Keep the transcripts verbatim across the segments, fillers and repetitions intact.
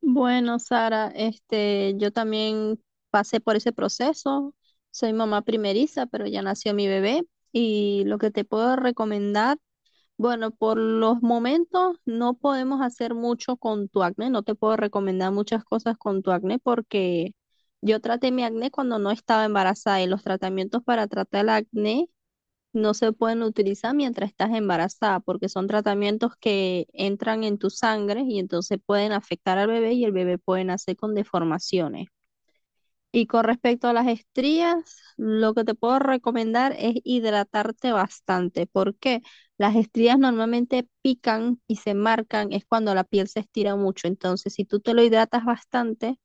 Bueno, Sara, este, yo también pasé por ese proceso. Soy mamá primeriza, pero ya nació mi bebé. Y lo que te puedo recomendar, bueno, por los momentos no podemos hacer mucho con tu acné. No te puedo recomendar muchas cosas con tu acné porque yo traté mi acné cuando no estaba embarazada y los tratamientos para tratar el acné no se pueden utilizar mientras estás embarazada, porque son tratamientos que entran en tu sangre y entonces pueden afectar al bebé y el bebé puede nacer con deformaciones. Y con respecto a las estrías, lo que te puedo recomendar es hidratarte bastante. ¿Por qué? Las estrías normalmente pican y se marcan, es cuando la piel se estira mucho. Entonces, si tú te lo hidratas bastante,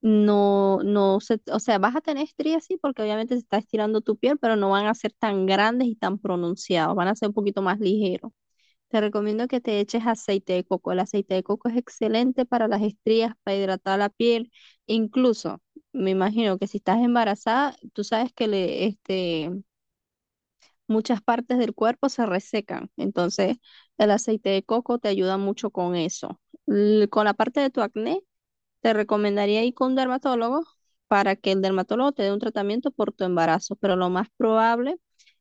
no, no se, o sea, vas a tener estrías, sí, porque obviamente se está estirando tu piel, pero no van a ser tan grandes y tan pronunciados, van a ser un poquito más ligeros. Te recomiendo que te eches aceite de coco. El aceite de coco es excelente para las estrías, para hidratar la piel. Incluso, me imagino que si estás embarazada, tú sabes que le, este, muchas partes del cuerpo se resecan. Entonces, el aceite de coco te ayuda mucho con eso. L- con la parte de tu acné, te recomendaría ir con un dermatólogo para que el dermatólogo te dé un tratamiento por tu embarazo, pero lo más probable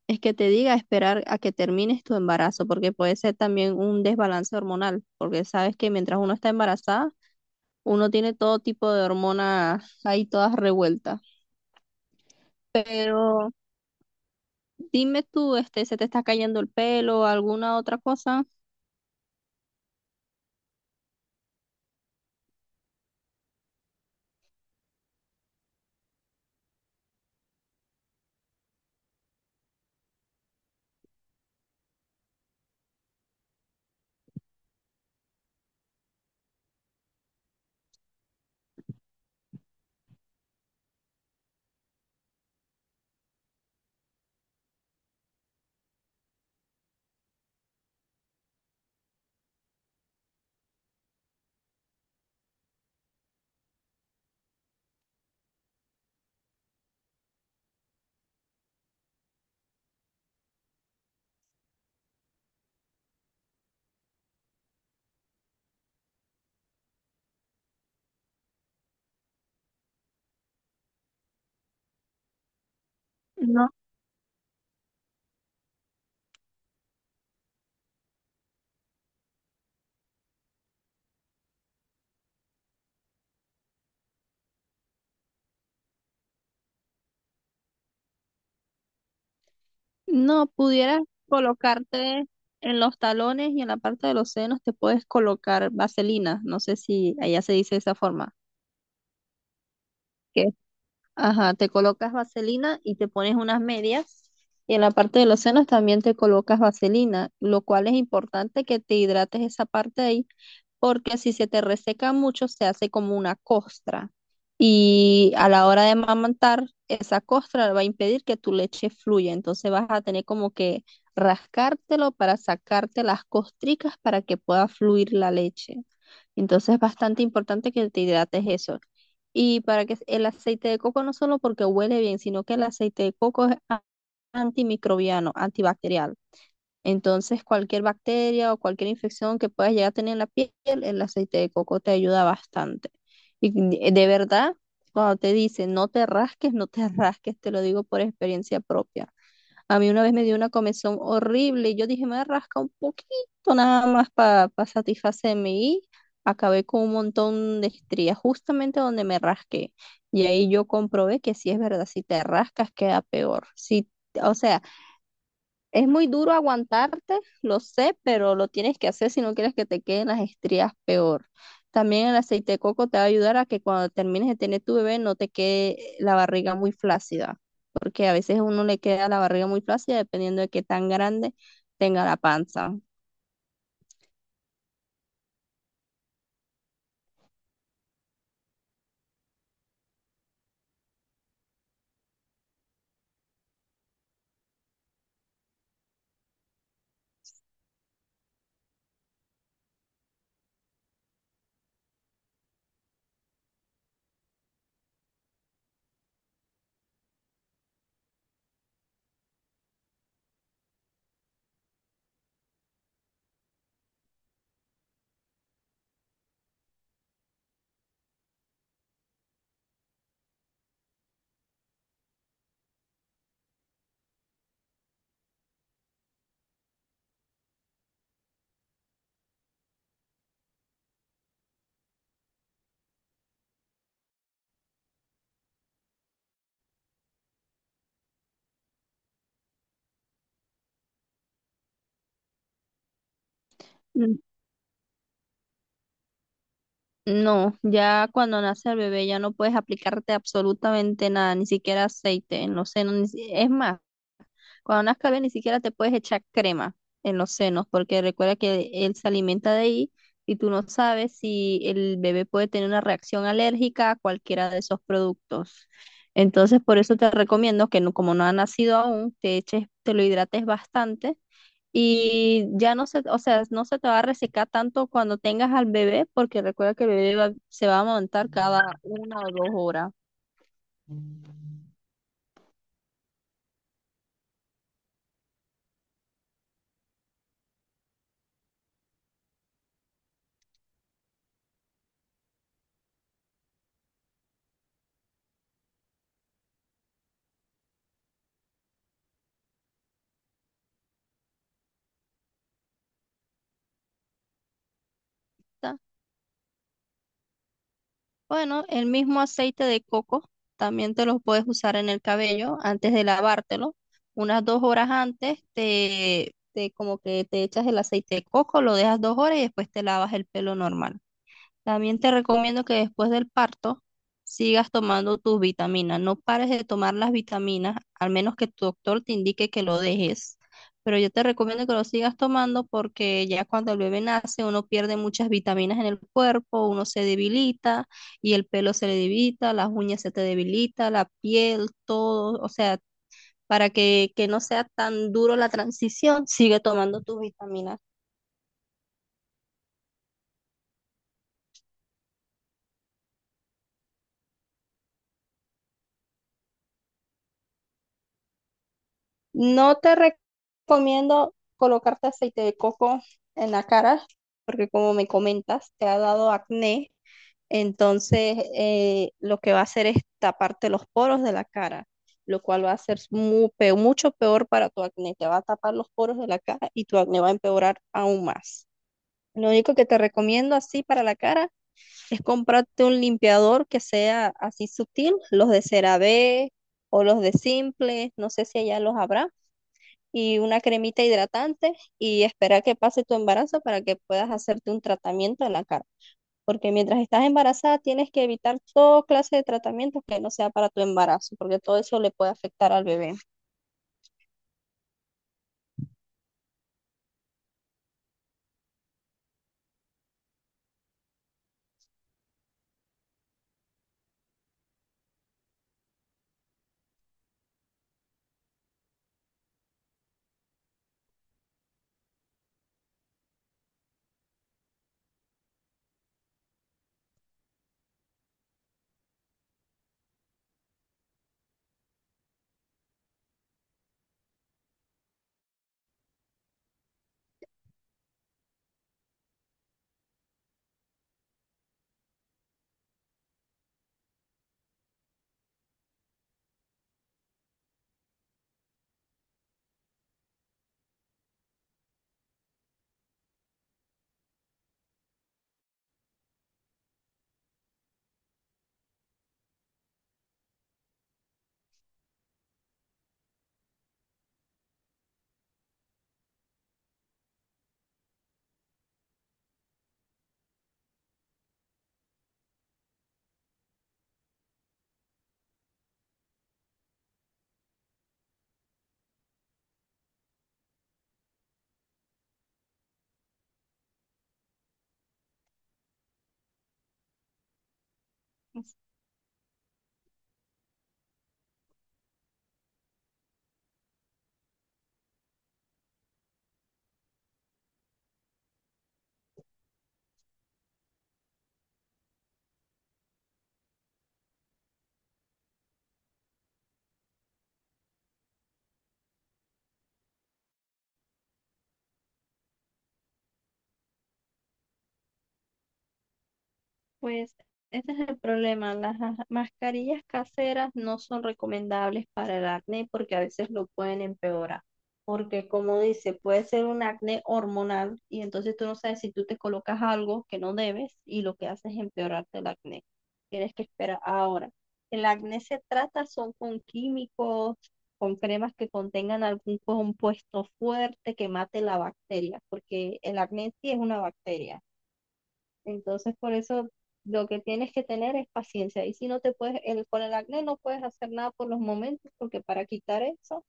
es que te diga esperar a que termines tu embarazo, porque puede ser también un desbalance hormonal, porque sabes que mientras uno está embarazada, uno tiene todo tipo de hormonas ahí todas revueltas. Pero dime tú, este, ¿se te está cayendo el pelo o alguna otra cosa? No, pudieras colocarte en los talones y en la parte de los senos te puedes colocar vaselina. No sé si allá se dice de esa forma. Que, ajá, te colocas vaselina y te pones unas medias. Y en la parte de los senos también te colocas vaselina, lo cual es importante que te hidrates esa parte ahí porque si se te reseca mucho se hace como una costra y a la hora de amamantar esa costra va a impedir que tu leche fluya, entonces vas a tener como que rascártelo para sacarte las costricas para que pueda fluir la leche. Entonces es bastante importante que te hidrates eso. Y para que el aceite de coco no solo porque huele bien, sino que el aceite de coco es a- antimicrobiano, antibacterial. Entonces, cualquier bacteria o cualquier infección que puedas llegar a tener en la piel, el aceite de coco te ayuda bastante. Y de de verdad, cuando te dicen no te rasques, no te rasques, te lo digo por experiencia propia. A mí una vez me dio una comezón horrible y yo dije, me voy a rascar un poquito nada más para satisfacerme y acabé con un montón de estrías justamente donde me rasqué. Y ahí yo comprobé que si es verdad, si te rascas queda peor. Si, o sea, es muy duro aguantarte, lo sé, pero lo tienes que hacer si no quieres que te queden las estrías peor. También el aceite de coco te va a ayudar a que cuando termines de tener tu bebé no te quede eh, la barriga muy flácida, porque a veces a uno le queda la barriga muy flácida dependiendo de qué tan grande tenga la panza. Mm. No, ya cuando nace el bebé ya no puedes aplicarte absolutamente nada, ni siquiera aceite en los senos. Ni si- Es más. Cuando nazca bien, ni siquiera te puedes echar crema en los senos, porque recuerda que él se alimenta de ahí y tú no sabes si el bebé puede tener una reacción alérgica a cualquiera de esos productos. Entonces, por eso te recomiendo que no, como no ha nacido aún, te eches, te lo hidrates bastante y ya no se, o sea, no se te va a resecar tanto cuando tengas al bebé, porque recuerda que el bebé va- se va a montar cada una o dos horas. Bueno, el mismo aceite de coco también te lo puedes usar en el cabello antes de lavártelo. Unas dos horas antes te, te como que te echas el aceite de coco, lo dejas dos horas y después te lavas el pelo normal. También te recomiendo que después del parto sigas tomando tus vitaminas. No pares de tomar las vitaminas, al menos que tu doctor te indique que lo dejes. Pero yo te recomiendo que lo sigas tomando porque ya cuando el bebé nace uno pierde muchas vitaminas en el cuerpo, uno se debilita y el pelo se le debilita, las uñas se te debilita, la piel, todo. O sea, para que, que no sea tan duro la transición, sigue tomando tus vitaminas. No te recomiendo colocarte aceite de coco en la cara, porque como me comentas, te ha dado acné. Entonces, eh, lo que va a hacer es taparte los poros de la cara, lo cual va a ser mu- pe- mucho peor para tu acné. Te va a tapar los poros de la cara y tu acné va a empeorar aún más. Lo único que te recomiendo así para la cara es comprarte un limpiador que sea así sutil, los de CeraVe o los de Simple, no sé si allá los habrá, y una cremita hidratante y esperar que pase tu embarazo para que puedas hacerte un tratamiento en la cara. Porque mientras estás embarazada tienes que evitar toda clase de tratamientos que no sea para tu embarazo, porque todo eso le puede afectar al bebé. Pues ese es el problema. Las ja- mascarillas caseras no son recomendables para el acné porque a veces lo pueden empeorar. Porque como dice, puede ser un acné hormonal y entonces tú no sabes si tú te colocas algo que no debes y lo que haces es empeorarte el acné. Tienes que esperar. Ahora, el acné se trata son con químicos, con cremas que contengan algún compuesto fuerte que mate la bacteria, porque el acné en sí es una bacteria. Entonces, por eso lo que tienes que tener es paciencia. Y si no te puedes, el, con el acné no puedes hacer nada por los momentos, porque para quitar eso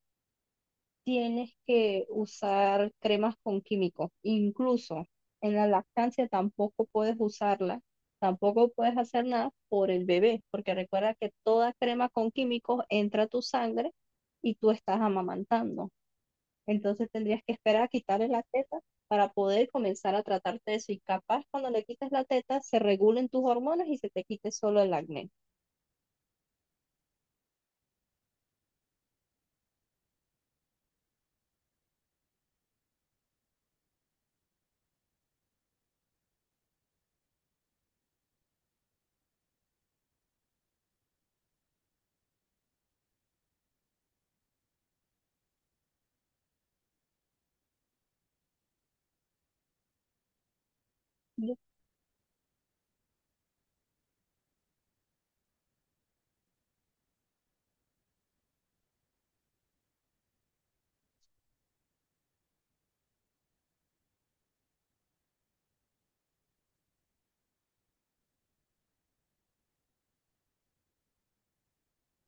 tienes que usar cremas con químicos. Incluso en la lactancia tampoco puedes usarla, tampoco puedes hacer nada por el bebé, porque recuerda que toda crema con químicos entra a tu sangre y tú estás amamantando. Entonces tendrías que esperar a quitarle la teta para poder comenzar a tratarte de eso. Y capaz cuando le quites la teta se regulen tus hormonas y se te quite solo el acné. Yo-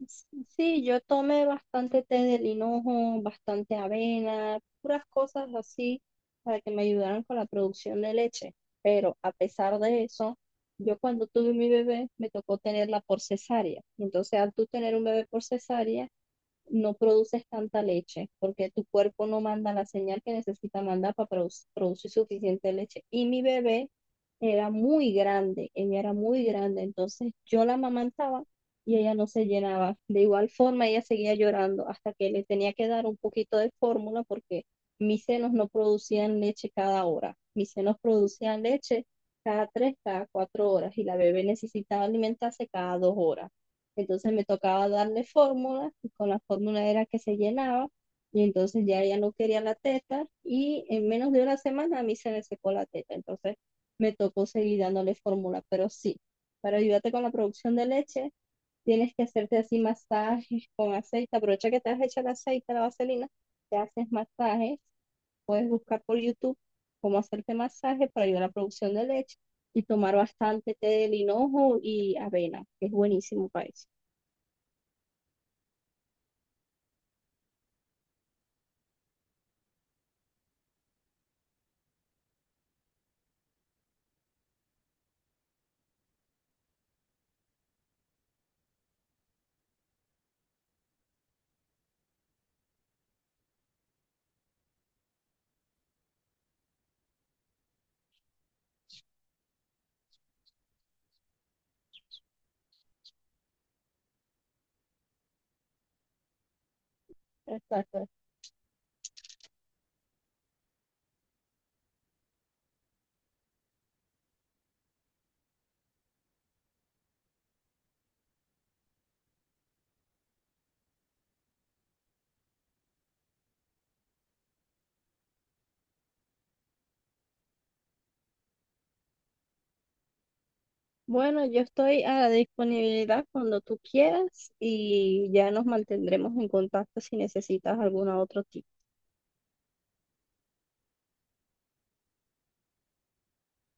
Sí, sí, yo tomé bastante té del hinojo, bastante avena, puras cosas así para que me ayudaran con la producción de leche. Pero a pesar de eso, yo cuando tuve mi bebé me tocó tenerla por cesárea. Entonces al tú tener un bebé por cesárea, no produces tanta leche porque tu cuerpo no manda la señal que necesita mandar para produ- producir suficiente leche. Y mi bebé era muy grande, ella era muy grande, entonces yo la amamantaba y ella no se llenaba. De igual forma, ella seguía llorando hasta que le tenía que dar un poquito de fórmula porque mis senos no producían leche cada hora, mis senos producían leche cada tres, cada cuatro horas y la bebé necesitaba alimentarse cada dos horas. Entonces me tocaba darle fórmulas y con la fórmula era que se llenaba y entonces ya ella no quería la teta y en menos de una semana a mí se me secó la teta. Entonces me tocó seguir dándole fórmula, pero sí, para ayudarte con la producción de leche tienes que hacerte así masajes con aceite. Aprovecha que te has hecho el aceite, la vaselina, te haces masajes, puedes buscar por YouTube cómo hacerte masaje para ayudar a la producción de leche y tomar bastante té de linojo y avena, que es buenísimo para eso. Exacto. Bueno, yo estoy a la disponibilidad cuando tú quieras y ya nos mantendremos en contacto si necesitas algún otro tipo.